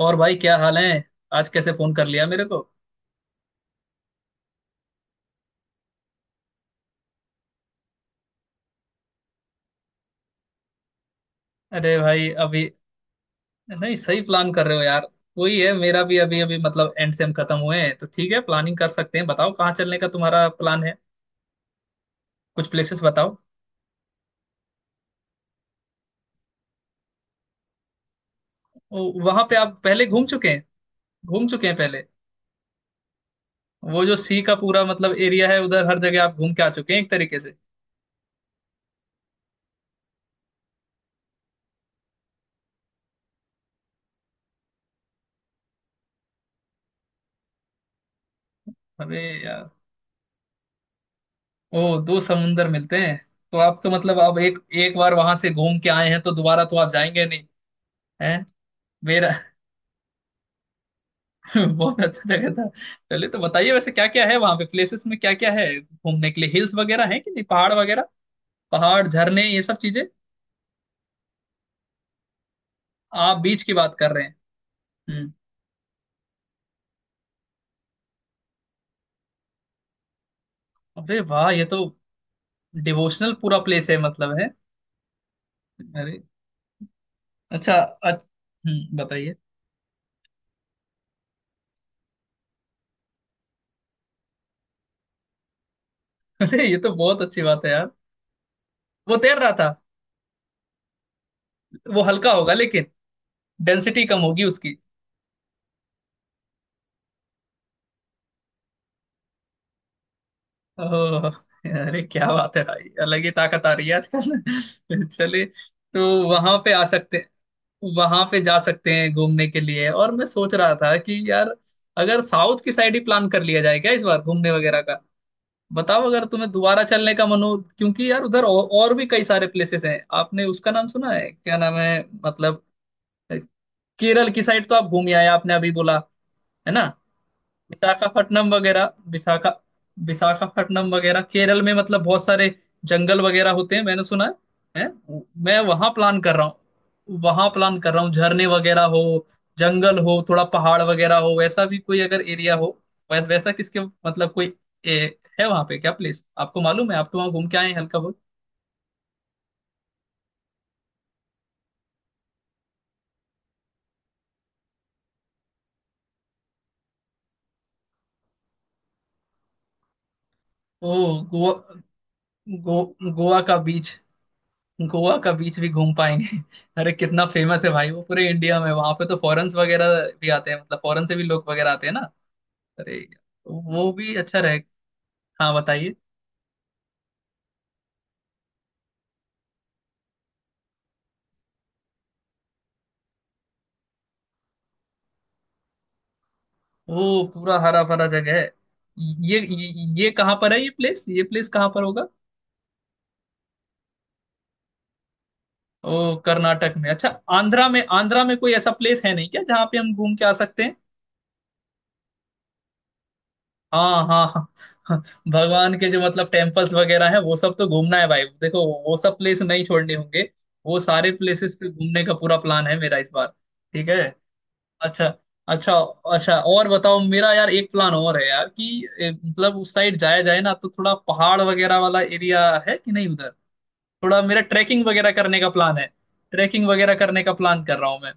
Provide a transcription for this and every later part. और भाई क्या हाल है। आज कैसे फोन कर लिया मेरे को। अरे भाई अभी नहीं, सही प्लान कर रहे हो यार। वही है मेरा भी, अभी अभी एंड सेम खत्म हुए हैं तो ठीक है, प्लानिंग कर सकते हैं। बताओ कहाँ चलने का तुम्हारा प्लान है, कुछ प्लेसेस बताओ। ओ, वहां पे आप पहले घूम चुके हैं, घूम चुके हैं पहले। वो जो सी का पूरा एरिया है उधर हर जगह आप घूम के आ चुके हैं एक तरीके से। अरे यार। ओ, दो समुंदर मिलते हैं। तो आप तो मतलब अब एक एक बार वहां से घूम के आए हैं तो दोबारा तो आप जाएंगे नहीं? हैं? मेरा बहुत अच्छा जगह था। चलिए, तो बताइए वैसे क्या क्या है वहां पे, प्लेसेस में क्या क्या है घूमने के लिए। हिल्स वगैरह है कि नहीं, पहाड़ वगैरह, पहाड़ झरने ये सब चीजें। आप बीच की बात कर रहे हैं। हम्म। अरे वाह, ये तो डिवोशनल पूरा प्लेस है है। अरे, अच्छा अच्छा। हम्म, बताइए। अरे ये तो बहुत अच्छी बात है यार। वो तैर रहा था? वो हल्का होगा लेकिन, डेंसिटी कम होगी उसकी। ओह, अरे क्या बात है भाई, अलग ही ताकत आ रही है आजकल। चलिए, तो वहां पे आ सकते, वहां पे जा सकते हैं घूमने के लिए। और मैं सोच रहा था कि यार, अगर साउथ की साइड ही प्लान कर लिया जाए क्या इस बार घूमने वगैरह का। बताओ अगर तुम्हें दोबारा चलने का मन हो, क्योंकि यार उधर और भी कई सारे प्लेसेस हैं। आपने उसका नाम सुना है, क्या नाम है? मतलब केरल की साइड तो आप घूम आए, आपने अभी बोला है ना। विशाखापट्टनम वगैरह, विशाखा, विशाखापट्टनम वगैरह केरल में, बहुत सारे जंगल वगैरह होते हैं मैंने सुना है हैं? मैं वहां प्लान कर रहा हूँ, वहां प्लान कर रहा हूँ। झरने वगैरह हो, जंगल हो, थोड़ा पहाड़ वगैरह हो, वैसा भी कोई अगर एरिया हो। वैस, वैसा किसके मतलब कोई ए, है वहां पे क्या प्लेस आपको मालूम है? आप तो वहां घूम के आए हैं हल्का बहुत। ओ, गोवा। गो, गोवा का बीच, गोवा का बीच भी घूम पाएंगे। अरे कितना फेमस है भाई वो पूरे इंडिया में, वहां पे तो फॉरेन्स वगैरह भी आते हैं, फॉरेन से भी लोग वगैरह आते हैं ना। अरे वो भी अच्छा रहे। हाँ बताइए। वो पूरा हरा भरा जगह है। ये कहाँ पर है, ये प्लेस कहाँ पर होगा? ओ, कर्नाटक में, अच्छा। आंध्रा में, आंध्रा में कोई ऐसा प्लेस है नहीं क्या जहाँ पे हम घूम के आ सकते हैं? हाँ हाँ हाँ, हाँ। भगवान के जो टेम्पल्स वगैरह है वो सब तो घूमना है भाई, देखो वो सब प्लेस नहीं छोड़ने होंगे। वो सारे प्लेसेस पे घूमने का पूरा प्लान है मेरा इस बार, ठीक है। अच्छा, अच्छा अच्छा, और बताओ। मेरा यार एक प्लान और है यार कि ए, मतलब उस साइड जाया जाए ना, तो थोड़ा पहाड़ वगैरह वाला एरिया है कि नहीं उधर? थोड़ा मेरा ट्रैकिंग वगैरह करने का प्लान है, ट्रैकिंग वगैरह करने का प्लान कर रहा हूँ मैं।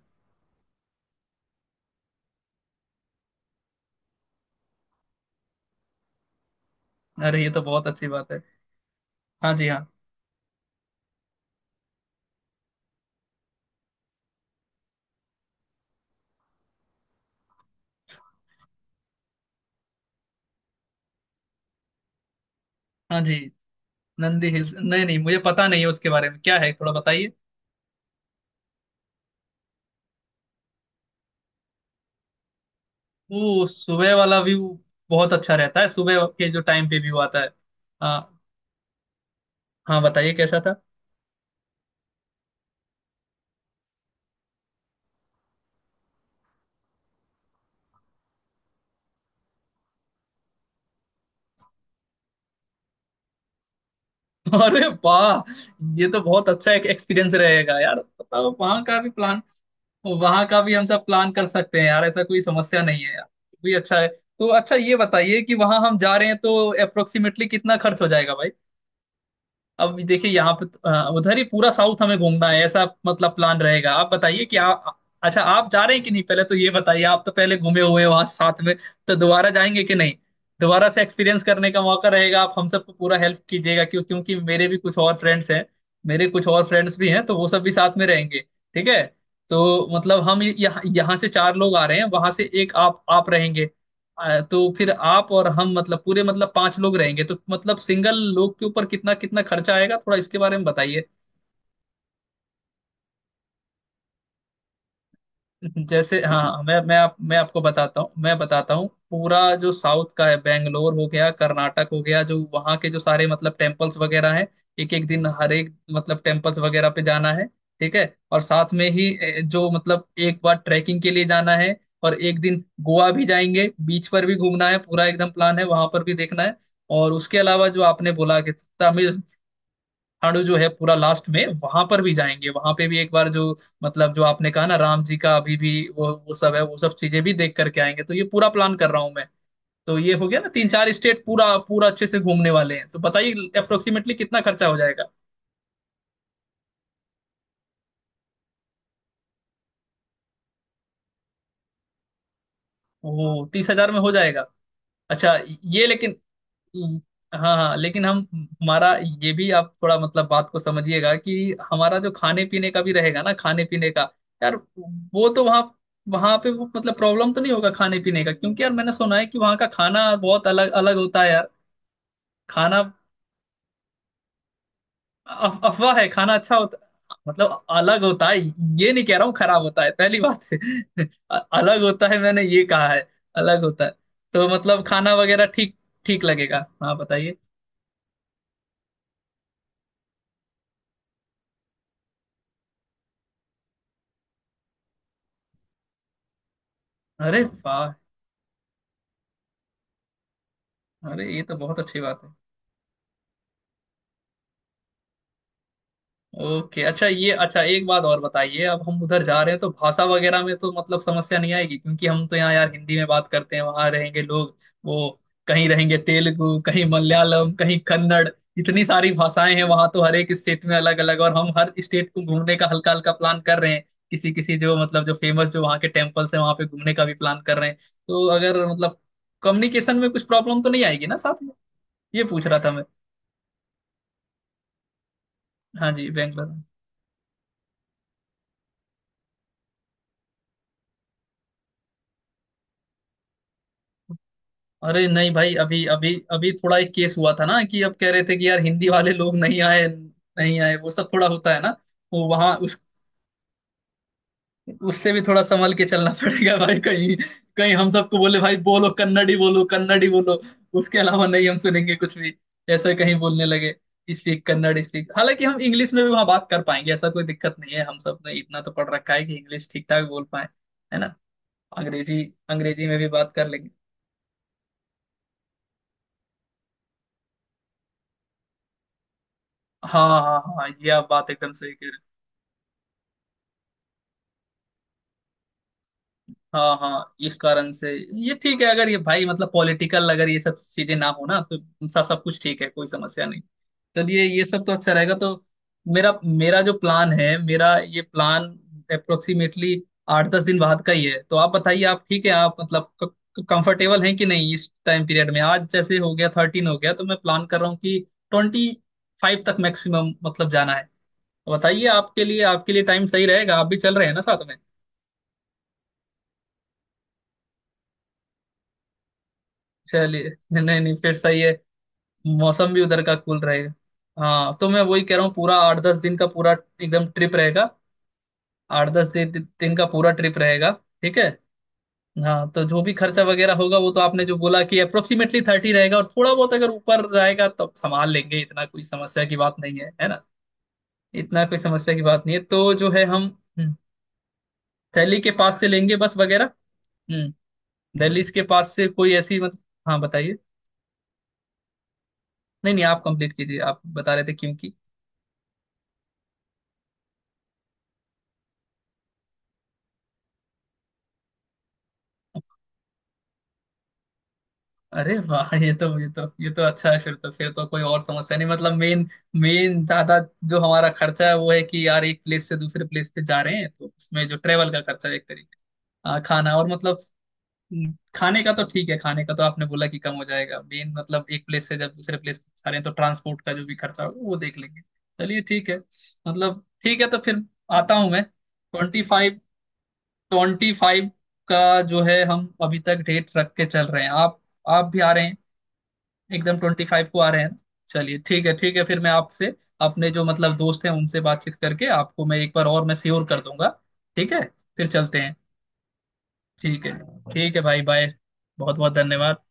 अरे ये तो बहुत अच्छी बात है। हाँ जी हाँ। हाँ जी। नंदी हिल्स? नहीं नहीं, मुझे पता नहीं है उसके बारे में, क्या है थोड़ा बताइए। वो सुबह वाला व्यू बहुत अच्छा रहता है, सुबह के जो टाइम पे व्यू आता है। हाँ। हाँ बताइए कैसा था। अरे वाह, ये तो बहुत अच्छा एक एक्सपीरियंस रहेगा यार। बताओ वहाँ का भी प्लान, वहाँ का भी हम सब प्लान कर सकते हैं यार, ऐसा कोई समस्या नहीं है यार। भी अच्छा है। तो अच्छा ये बताइए कि वहाँ हम जा रहे हैं तो अप्रोक्सीमेटली कितना खर्च हो जाएगा भाई? अब देखिए यहाँ पे तो, उधर ही पूरा साउथ हमें घूमना है ऐसा प्लान रहेगा। आप बताइए कि आप, अच्छा आप जा रहे हैं कि नहीं पहले तो ये बताइए। आप तो पहले घूमे हुए हैं वहां साथ में, तो दोबारा जाएंगे कि नहीं? दोबारा से एक्सपीरियंस करने का मौका रहेगा, आप हम सबको पूरा हेल्प कीजिएगा क्यों क्योंकि मेरे भी कुछ और फ्रेंड्स हैं। मेरे कुछ और फ्रेंड्स भी हैं तो वो सब भी साथ में रहेंगे, ठीक है। तो हम यहाँ, यहाँ से चार लोग आ रहे हैं, वहां से एक आप रहेंगे। तो फिर आप और हम मतलब पूरे पांच लोग रहेंगे, तो सिंगल लोग के ऊपर कितना कितना खर्चा आएगा, थोड़ा इसके बारे में बताइए। जैसे हाँ, मैं आपको बताता हूँ, मैं बताता हूँ। पूरा जो साउथ का है, बेंगलोर हो गया, कर्नाटक हो गया, जो वहाँ के जो सारे टेम्पल्स वगैरह हैं, एक एक दिन हर एक टेम्पल्स वगैरह पे जाना है, ठीक है। और साथ में ही जो एक बार ट्रैकिंग के लिए जाना है। और एक दिन गोवा भी जाएंगे, बीच पर भी घूमना है पूरा एकदम प्लान है, वहां पर भी देखना है। और उसके अलावा जो आपने बोला कि तमिल खाड़ू जो है, पूरा लास्ट में वहां पर भी जाएंगे, वहां पे भी एक बार जो जो आपने कहा ना राम जी का, अभी भी वो सब है, वो सब चीजें भी देख करके आएंगे, तो ये पूरा प्लान कर रहा हूँ मैं। तो ये हो गया ना तीन चार स्टेट, पूरा पूरा अच्छे से घूमने वाले हैं, तो बताइए अप्रोक्सीमेटली कितना खर्चा हो जाएगा। ओह, 30,000 में हो जाएगा, अच्छा। ये लेकिन, हम्म, हाँ हाँ लेकिन हम, हमारा, ये भी आप थोड़ा बात को समझिएगा कि हमारा जो खाने पीने का भी रहेगा ना, खाने पीने का यार। वो तो वहाँ वहाँ पे वो प्रॉब्लम तो नहीं होगा खाने पीने का, क्योंकि यार मैंने सुना है कि वहाँ का खाना बहुत अलग अलग होता है यार खाना। अफवाह है? खाना अच्छा होता, अलग होता है, ये नहीं कह रहा हूँ खराब होता है पहली बात है। अलग होता है मैंने ये कहा है, अलग होता है। तो खाना वगैरह ठीक, ठीक लगेगा। हाँ बताइए। अरे वाह, अरे ये तो बहुत अच्छी बात है। ओके, अच्छा, ये अच्छा एक बात और बताइए। अब हम उधर जा रहे हैं तो भाषा वगैरह में तो समस्या नहीं आएगी, क्योंकि हम तो यहाँ यार हिंदी में बात करते हैं, वहां रहेंगे लोग वो, कहीं रहेंगे तेलुगु, कहीं मलयालम, कहीं कन्नड़, इतनी सारी भाषाएं हैं वहां तो, हर एक स्टेट में अलग अलग। और हम हर स्टेट को घूमने का हल्का हल्का प्लान कर रहे हैं, किसी किसी जो जो फेमस जो वहाँ के टेम्पल्स हैं वहां पे घूमने का भी प्लान कर रहे हैं। तो अगर कम्युनिकेशन में कुछ प्रॉब्लम तो नहीं आएगी ना साथ में, ये पूछ रहा था मैं। हाँ जी बैंगलोर। अरे नहीं भाई, अभी अभी अभी थोड़ा एक केस हुआ था ना कि अब कह रहे थे कि यार हिंदी वाले लोग नहीं आए, नहीं आए, वो सब थोड़ा होता है ना। वो वहां उस उससे भी थोड़ा संभल के चलना पड़ेगा भाई, कहीं कहीं हम सबको बोले भाई बोलो कन्नड़ी, बोलो कन्नड़ी बोलो, उसके अलावा नहीं हम सुनेंगे कुछ भी, ऐसा कहीं बोलने लगे स्पीक कन्नड़ स्पीक। हालांकि हम इंग्लिश में भी वहां बात कर पाएंगे, ऐसा कोई दिक्कत नहीं है, हम सब ने इतना तो पढ़ रखा है कि इंग्लिश ठीक ठाक बोल पाए, है ना। अंग्रेजी, अंग्रेजी में भी बात कर लेंगे। हाँ हाँ हाँ, ये आप बात एकदम सही कह रहे हो। हाँ हाँ, इस कारण से। ये ठीक है, अगर ये भाई पॉलिटिकल अगर ये सब चीजें ना हो ना तो सब, सब कुछ ठीक है कोई समस्या नहीं। चलिए ये सब तो अच्छा रहेगा। तो मेरा मेरा जो प्लान है, मेरा ये प्लान अप्रोक्सीमेटली आठ दस दिन बाद का ही है, तो आप बताइए आप ठीक है, आप कंफर्टेबल हैं कि नहीं इस टाइम पीरियड में। आज जैसे हो गया 13 हो गया, तो मैं प्लान कर रहा हूँ कि 25 तक मैक्सिमम जाना है। तो बताइए आपके लिए, आपके लिए टाइम सही रहेगा, आप भी चल रहे हैं ना साथ में। चलिए नहीं नहीं, फिर सही है। मौसम भी उधर का कूल रहेगा। हाँ तो मैं वही कह रहा हूँ, पूरा आठ दस दिन का पूरा एकदम ट्रिप रहेगा, आठ दस दिन दिन का पूरा ट्रिप रहेगा, ठीक है। हाँ तो जो भी खर्चा वगैरह होगा, वो तो आपने जो बोला कि अप्रोक्सीमेटली 30 रहेगा, और थोड़ा बहुत अगर ऊपर जाएगा तो संभाल लेंगे, इतना कोई समस्या की बात नहीं है, है ना। इतना कोई समस्या की बात नहीं है, तो जो है हम, हम्म, दिल्ली के पास से लेंगे बस वगैरह, हम्म दिल्ली के पास से कोई ऐसी हाँ बताइए। नहीं नहीं आप कंप्लीट कीजिए, आप बता रहे थे क्योंकि। अरे वाह, ये तो अच्छा है फिर तो, फिर तो कोई और समस्या नहीं मेन, मेन ज्यादा जो हमारा खर्चा है वो है कि यार एक प्लेस से दूसरे प्लेस पे जा रहे हैं तो उसमें जो ट्रेवल का खर्चा है एक तरीके से। हाँ, खाना और खाने का तो ठीक है, खाने का तो आपने बोला कि कम हो जाएगा, मेन एक प्लेस से जब दूसरे प्लेस पे जा रहे हैं तो ट्रांसपोर्ट का जो भी खर्चा होगा वो देख लेंगे। चलिए ठीक है, ठीक है। तो फिर आता हूँ मैं 25, ट्वेंटी फाइव का जो है हम अभी तक डेट रख के चल रहे हैं, आप भी आ रहे हैं, एकदम 25 को आ रहे हैं। चलिए ठीक है, ठीक है फिर, मैं आपसे अपने जो दोस्त हैं उनसे बातचीत करके आपको मैं एक बार और मैं श्योर कर दूंगा, ठीक है फिर चलते हैं। ठीक है, ठीक है भाई बाय, बहुत बहुत धन्यवाद।